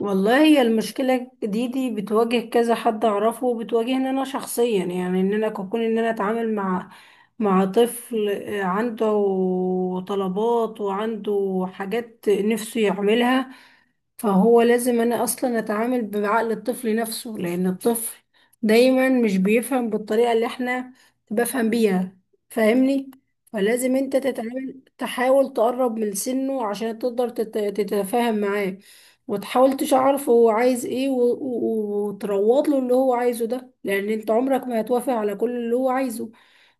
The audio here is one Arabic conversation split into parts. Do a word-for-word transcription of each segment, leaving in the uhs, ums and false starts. والله هي المشكلة دي دي بتواجه كذا حد أعرفه وبتواجهني أنا شخصيا، يعني إن أنا كون إن أنا أتعامل مع مع طفل، آه، عنده طلبات وعنده حاجات نفسه يعملها. فهو لازم انا اصلا اتعامل بعقل الطفل نفسه، لان الطفل دايما مش بيفهم بالطريقة اللي احنا بفهم بيها. فاهمني؟ فلازم انت تتعامل، تحاول تقرب من سنه عشان تقدر تت- تتفاهم معاه. وتحاول تشعرف هو عايز ايه، و- و- وتروض له اللي هو عايزه ده، لان انت عمرك ما هتوافق على كل اللي هو عايزه.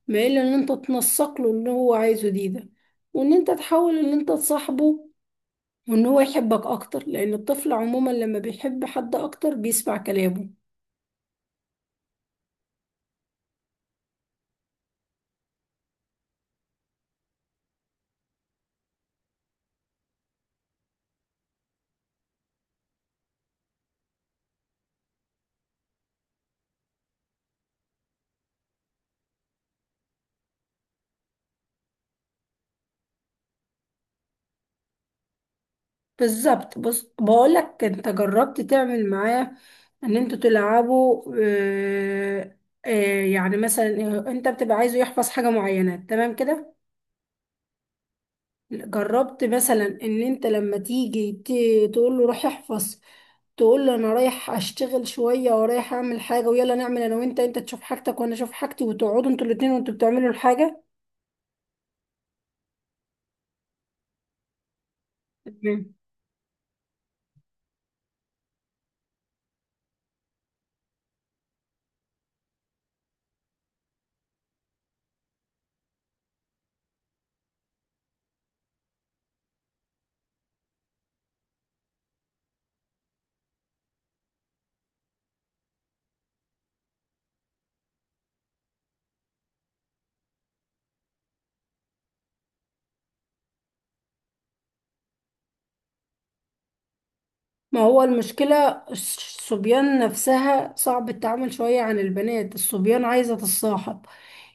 ما الا ان انت تنسق له اللي هو عايزه دي ده، وان انت تحاول ان انت تصاحبه، وان هو يحبك اكتر، لان الطفل عموما لما بيحب حد اكتر بيسمع كلامه. بالظبط. بص بقولك، انت جربت تعمل معاه ان انتوا تلعبوا؟ آه، آه، يعني مثلا آه، انت بتبقى عايزه يحفظ حاجة معينة، تمام كده؟ جربت مثلا ان انت لما تيجي ت- تقول له روح احفظ، تقول له انا رايح اشتغل شوية ورايح اعمل حاجة، ويلا نعمل انا وانت، انت تشوف حاجتك وانا اشوف حاجتي، وتقعدوا انتوا الاتنين وانتوا بتعملوا الحاجة. ما هو المشكلة الص- الصبيان نفسها صعب التعامل شوية عن البنات. الصبيان عايزة تتصاحب،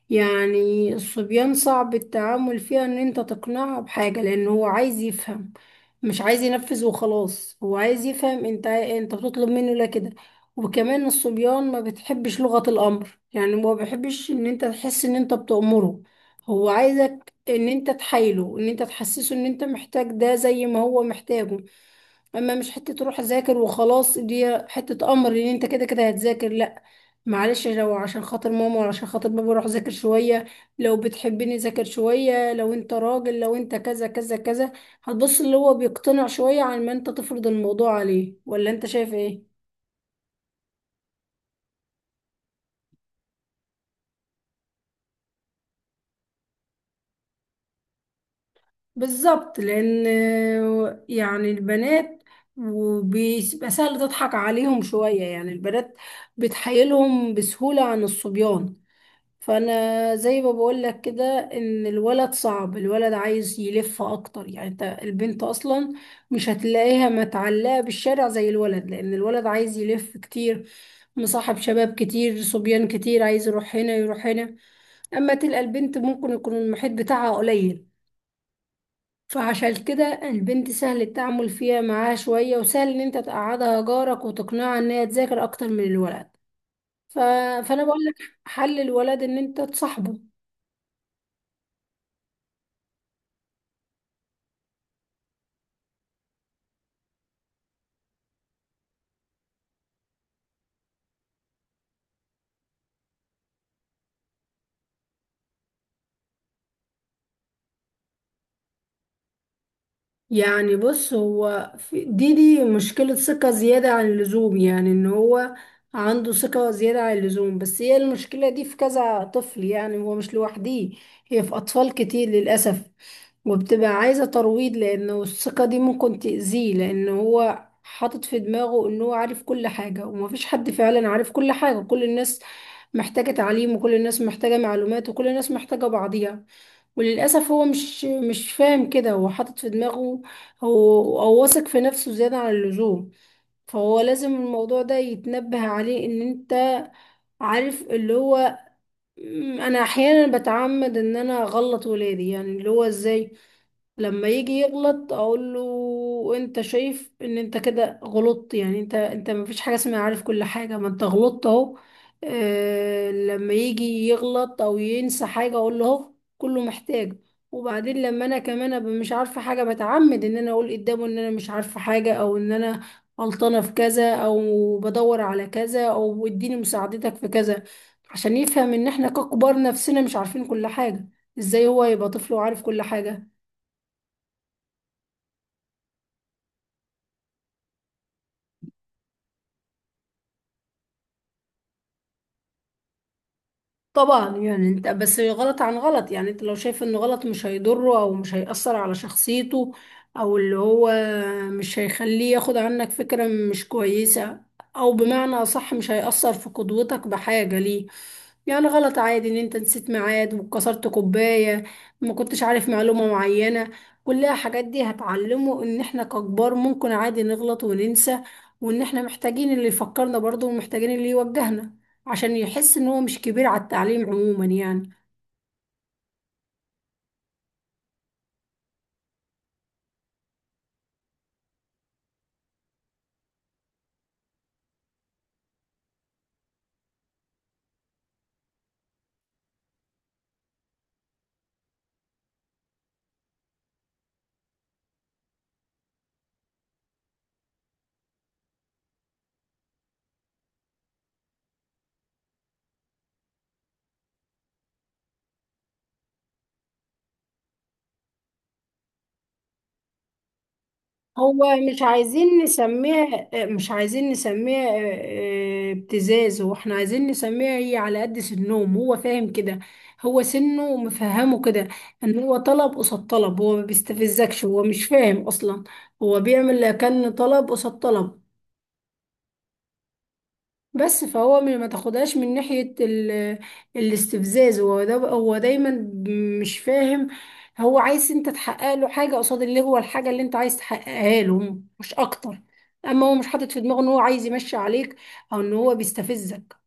يعني الصبيان صعب التعامل فيها ان انت تقنعه بحاجة، لان هو عايز يفهم، مش عايز ينفذ وخلاص. هو عايز يفهم انت انت بتطلب منه لا كده. وكمان الصبيان ما بتحبش لغة الامر، يعني ما بيحبش ان انت تحس ان انت بتأمره. هو عايزك ان انت تحايله، ان انت تحسسه ان انت محتاج ده زي ما هو محتاجه. اما مش حته تروح اذاكر وخلاص، دي حته امر ان انت كده كده هتذاكر، لا. معلش لو عشان خاطر ماما ولا عشان خاطر بابا روح ذاكر شويه، لو بتحبني ذاكر شويه، لو انت راجل، لو انت كذا كذا كذا. هتبص اللي هو بيقتنع شويه عن ما انت تفرض الموضوع عليه، ولا انت شايف ايه؟ بالظبط، لان آه، يعني البنات وبيبقى سهل تضحك عليهم شويه. يعني البنات بتحايلهم بسهوله عن الصبيان. فانا زي ما بقول لك كده، ان الولد صعب. الولد عايز يلف اكتر، يعني انت البنت اصلا مش هتلاقيها متعلقه بالشارع زي الولد، لان الولد عايز يلف كتير، مصاحب شباب كتير، صبيان كتير، عايز يروح هنا يروح هنا. اما تلقى البنت ممكن يكون المحيط بتاعها قليل، فعشان كده البنت سهل التعامل فيها معاها شويه، وسهل ان انت تقعدها جارك وتقنعها ان هي تذاكر اكتر من الولد. ف... فانا بقول لك، حل الولد ان انت تصاحبه. يعني بص، هو في- دي دي مشكلة ثقة زيادة عن اللزوم، يعني ان هو عنده ثقة زيادة عن اللزوم. بس هي المشكلة دي في كذا طفل، يعني هو مش لوحديه، هي في أطفال كتير للأسف. وبتبقى عايزة ترويض، لأنه الثقة دي ممكن تأذيه، لأن هو حاطط في دماغه إن هو عارف كل حاجة، ومفيش حد فعلا عارف كل حاجة. كل الناس محتاجة تعليم، وكل الناس محتاجة معلومات، وكل الناس محتاجة بعضيها. وللأسف هو مش مش فاهم كده، هو حاطط في دماغه هو أو واثق في نفسه زيادة عن اللزوم. فهو لازم الموضوع ده يتنبه عليه. إن أنت عارف اللي هو، م، أنا أحيانا بتعمد إن أنا أغلط ولادي، يعني اللي هو إزاي؟ لما يجي يغلط اقول له انت شايف ان انت كده غلطت؟ يعني انت انت ما فيش حاجه اسمها عارف كل حاجه، ما انت غلطت اهو. آه، لما يجي يغلط او ينسى حاجه اقول له اهو، كله محتاج. وبعدين لما انا كمان ابقى مش عارفه حاجه، بتعمد ان انا اقول قدامه ان انا مش عارفه حاجه، او ان انا غلطانه في كذا، او بدور على كذا، او اديني مساعدتك في كذا، عشان يفهم ان احنا ككبار نفسنا مش عارفين كل حاجه، ازاي هو يبقى طفل وعارف كل حاجه؟ طبعا، يعني انت بس غلط عن غلط. يعني انت لو شايف انه غلط مش هيضره او مش هيأثر على شخصيته، او اللي هو مش هيخليه ياخد عنك فكرة مش كويسة، او بمعنى اصح مش هيأثر في قدوتك بحاجة ليه. يعني غلط عادي ان انت نسيت ميعاد، وكسرت كوباية، ما كنتش عارف معلومة معينة. كلها حاجات دي هتعلمه ان احنا ككبار ممكن عادي نغلط وننسى، وان احنا محتاجين اللي يفكرنا برضه، ومحتاجين اللي يوجهنا، عشان يحس ان هو مش كبير على التعليم عموما يعني. هو مش عايزين نسميها مش عايزين نسميها آه، آه، ابتزاز، واحنا عايزين نسميها هي على قد سنهم. هو فاهم كده، هو سنه مفهمه كده. ان هو طلب قصاد طلب. هو ما بيستفزكش، هو مش فاهم اصلا. هو بيعمل كأن طلب قصاد طلب بس. فهو م- ما تاخدهاش من ناحية ال... الاستفزاز. هو ده، هو دايما مش فاهم. هو عايز انت تحقق له حاجة قصاد اللي هو الحاجة اللي انت عايز تحققها له، مش اكتر. اما هو مش حاطط في دماغه ان هو عايز يمشي عليك، او ان هو بيستفزك.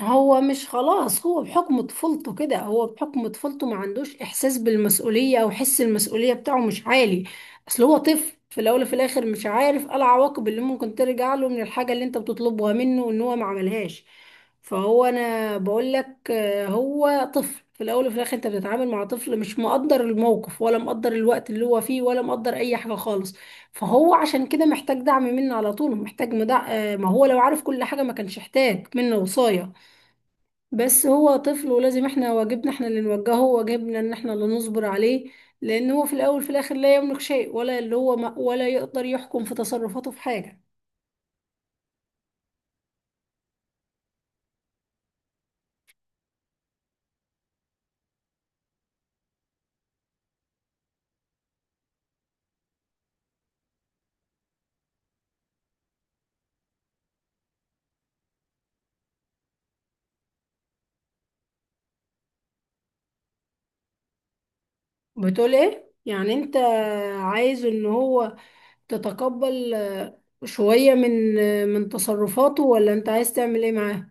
هو مش خلاص، هو بحكم طفولته كده، هو بحكم طفولته ما عندوش احساس بالمسؤولية، او حس المسؤولية بتاعه مش عالي. اصل هو طفل في الاول وفي الاخر، مش عارف ايه العواقب اللي ممكن ترجع له من الحاجة اللي انت بتطلبها منه ان هو ما عملهاش. فهو انا بقول لك، آه، هو طفل في الاول وفي الاخر. انت بتتعامل مع طفل مش مقدر الموقف، ولا مقدر الوقت اللي هو فيه، ولا مقدر اي حاجة خالص. فهو عشان كده محتاج دعم منه على طول، محتاج مدع... آه، ما هو لو عارف كل حاجة ما كانش احتاج منه وصاية. بس هو طفل، ولازم احنا واجبنا احنا اللي نوجهه، وواجبنا ان احنا اللي نصبر عليه، لان هو في الاول في الاخر لا يملك شيء، ولا اللي هو ما ولا يقدر يحكم في تصرفاته في حاجة. بتقول ايه يعني؟ انت عايز ان هو تتقبل آه، شوية من آه، من تصرفاته، ولا انت عايز تعمل ايه معاه؟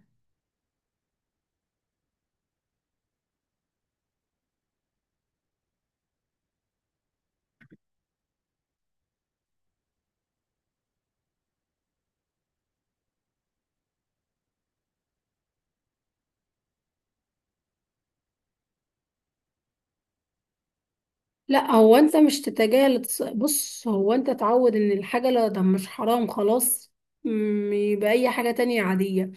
لا هو انت مش تتجاهل التص- بص، هو انت تعود ان الحاجة لا، ده مش حرام خلاص، م، يبقى اي حاجة تانية عادية.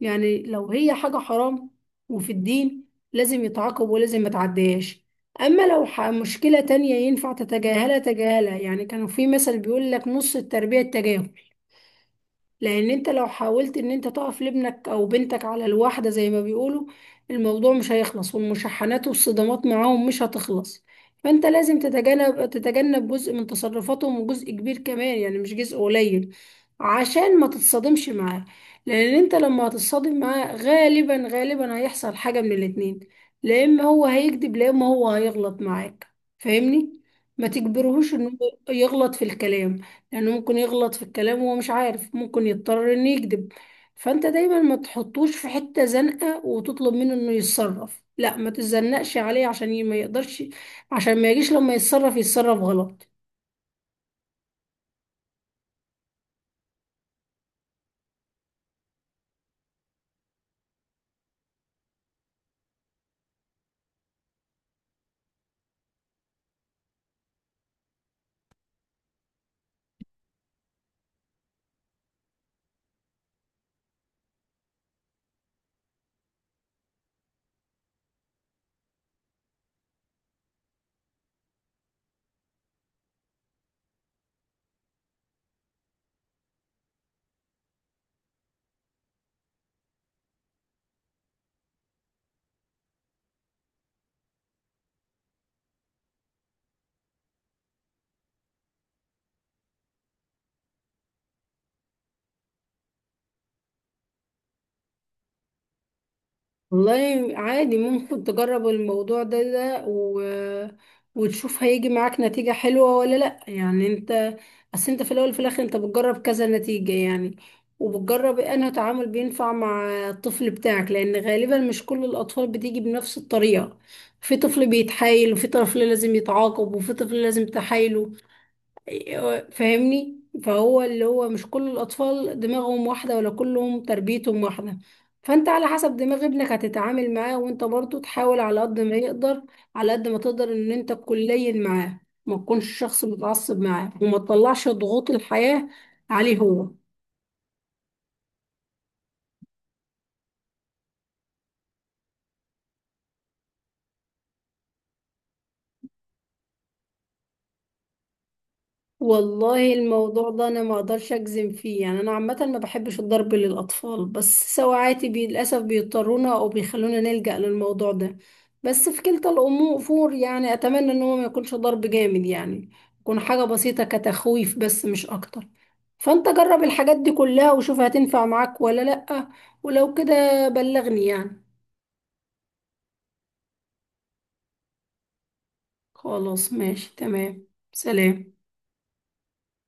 يعني لو هي حاجة حرام وفي الدين لازم يتعاقب، ولازم ما تعديهاش. اما لو ح- مشكلة تانية ينفع تتجاهلها، تجاهلها. يعني كانوا في مثل بيقول لك، نص التربية التجاهل. لان انت لو حاولت ان انت تقف لابنك او بنتك على الواحدة زي ما بيقولوا، الموضوع مش هيخلص، والمشاحنات والصدامات معاهم مش هتخلص. فانت لازم تتجنب تتجنب جزء من تصرفاتهم، وجزء كبير كمان يعني، مش جزء قليل، عشان ما تتصادمش معاه. لان انت لما هتتصادم معاه غالبا غالبا هيحصل حاجة من الاتنين، لا اما هو هيكذب، لا اما هو هيغلط معاك. فاهمني؟ ما تجبرهوش انه يغلط في الكلام، لأنه ممكن يغلط في الكلام وهو مش عارف، ممكن يضطر إنه يكذب. فأنت دايما ما تحطوش في حتة زنقة وتطلب منه إنه يتصرف، لا، ما تتزنقش عليه عشان ي- ما يقدرش، عشان ما يجيش لما يتصرف يتصرف غلط. والله عادي ممكن تجرب الموضوع ده ده و... وتشوف هيجي معاك نتيجة حلوة ولا لأ. يعني انت اصل انت في الأول وفي الآخر انت بتجرب كذا نتيجة، يعني وبتجرب إيه، انه تعامل بينفع مع الطفل بتاعك، لأن غالبا مش كل الأطفال بتيجي بنفس الطريقة. في طفل بيتحايل، وفي طفل لازم يتعاقب، وفي طفل لازم تحايله. أيوة، فاهمني؟ فهو اللي هو مش كل الأطفال دماغهم واحدة، ولا كلهم تربيتهم واحدة. فأنت على حسب دماغ ابنك هتتعامل معاه. وأنت برضو تحاول على قد ما يقدر، على قد ما تقدر إن أنت تكون لين معاه، ما تكونش شخص متعصب معاه، وما تطلعش ضغوط الحياة عليه هو. والله الموضوع ده انا ما اقدرش اجزم فيه. يعني انا عامه ما بحبش الضرب للاطفال، بس سواعاتي بي- للاسف بيضطرونا او بيخلونا نلجأ للموضوع ده. بس في كلتا الامور، يعني اتمنى ان هو ما يكونش ضرب جامد، يعني يكون حاجه بسيطه كتخويف بس، مش اكتر. فانت جرب الحاجات دي كلها وشوف هتنفع معاك ولا لأ، ولو كده بلغني يعني. خلاص، ماشي، تمام. سلام.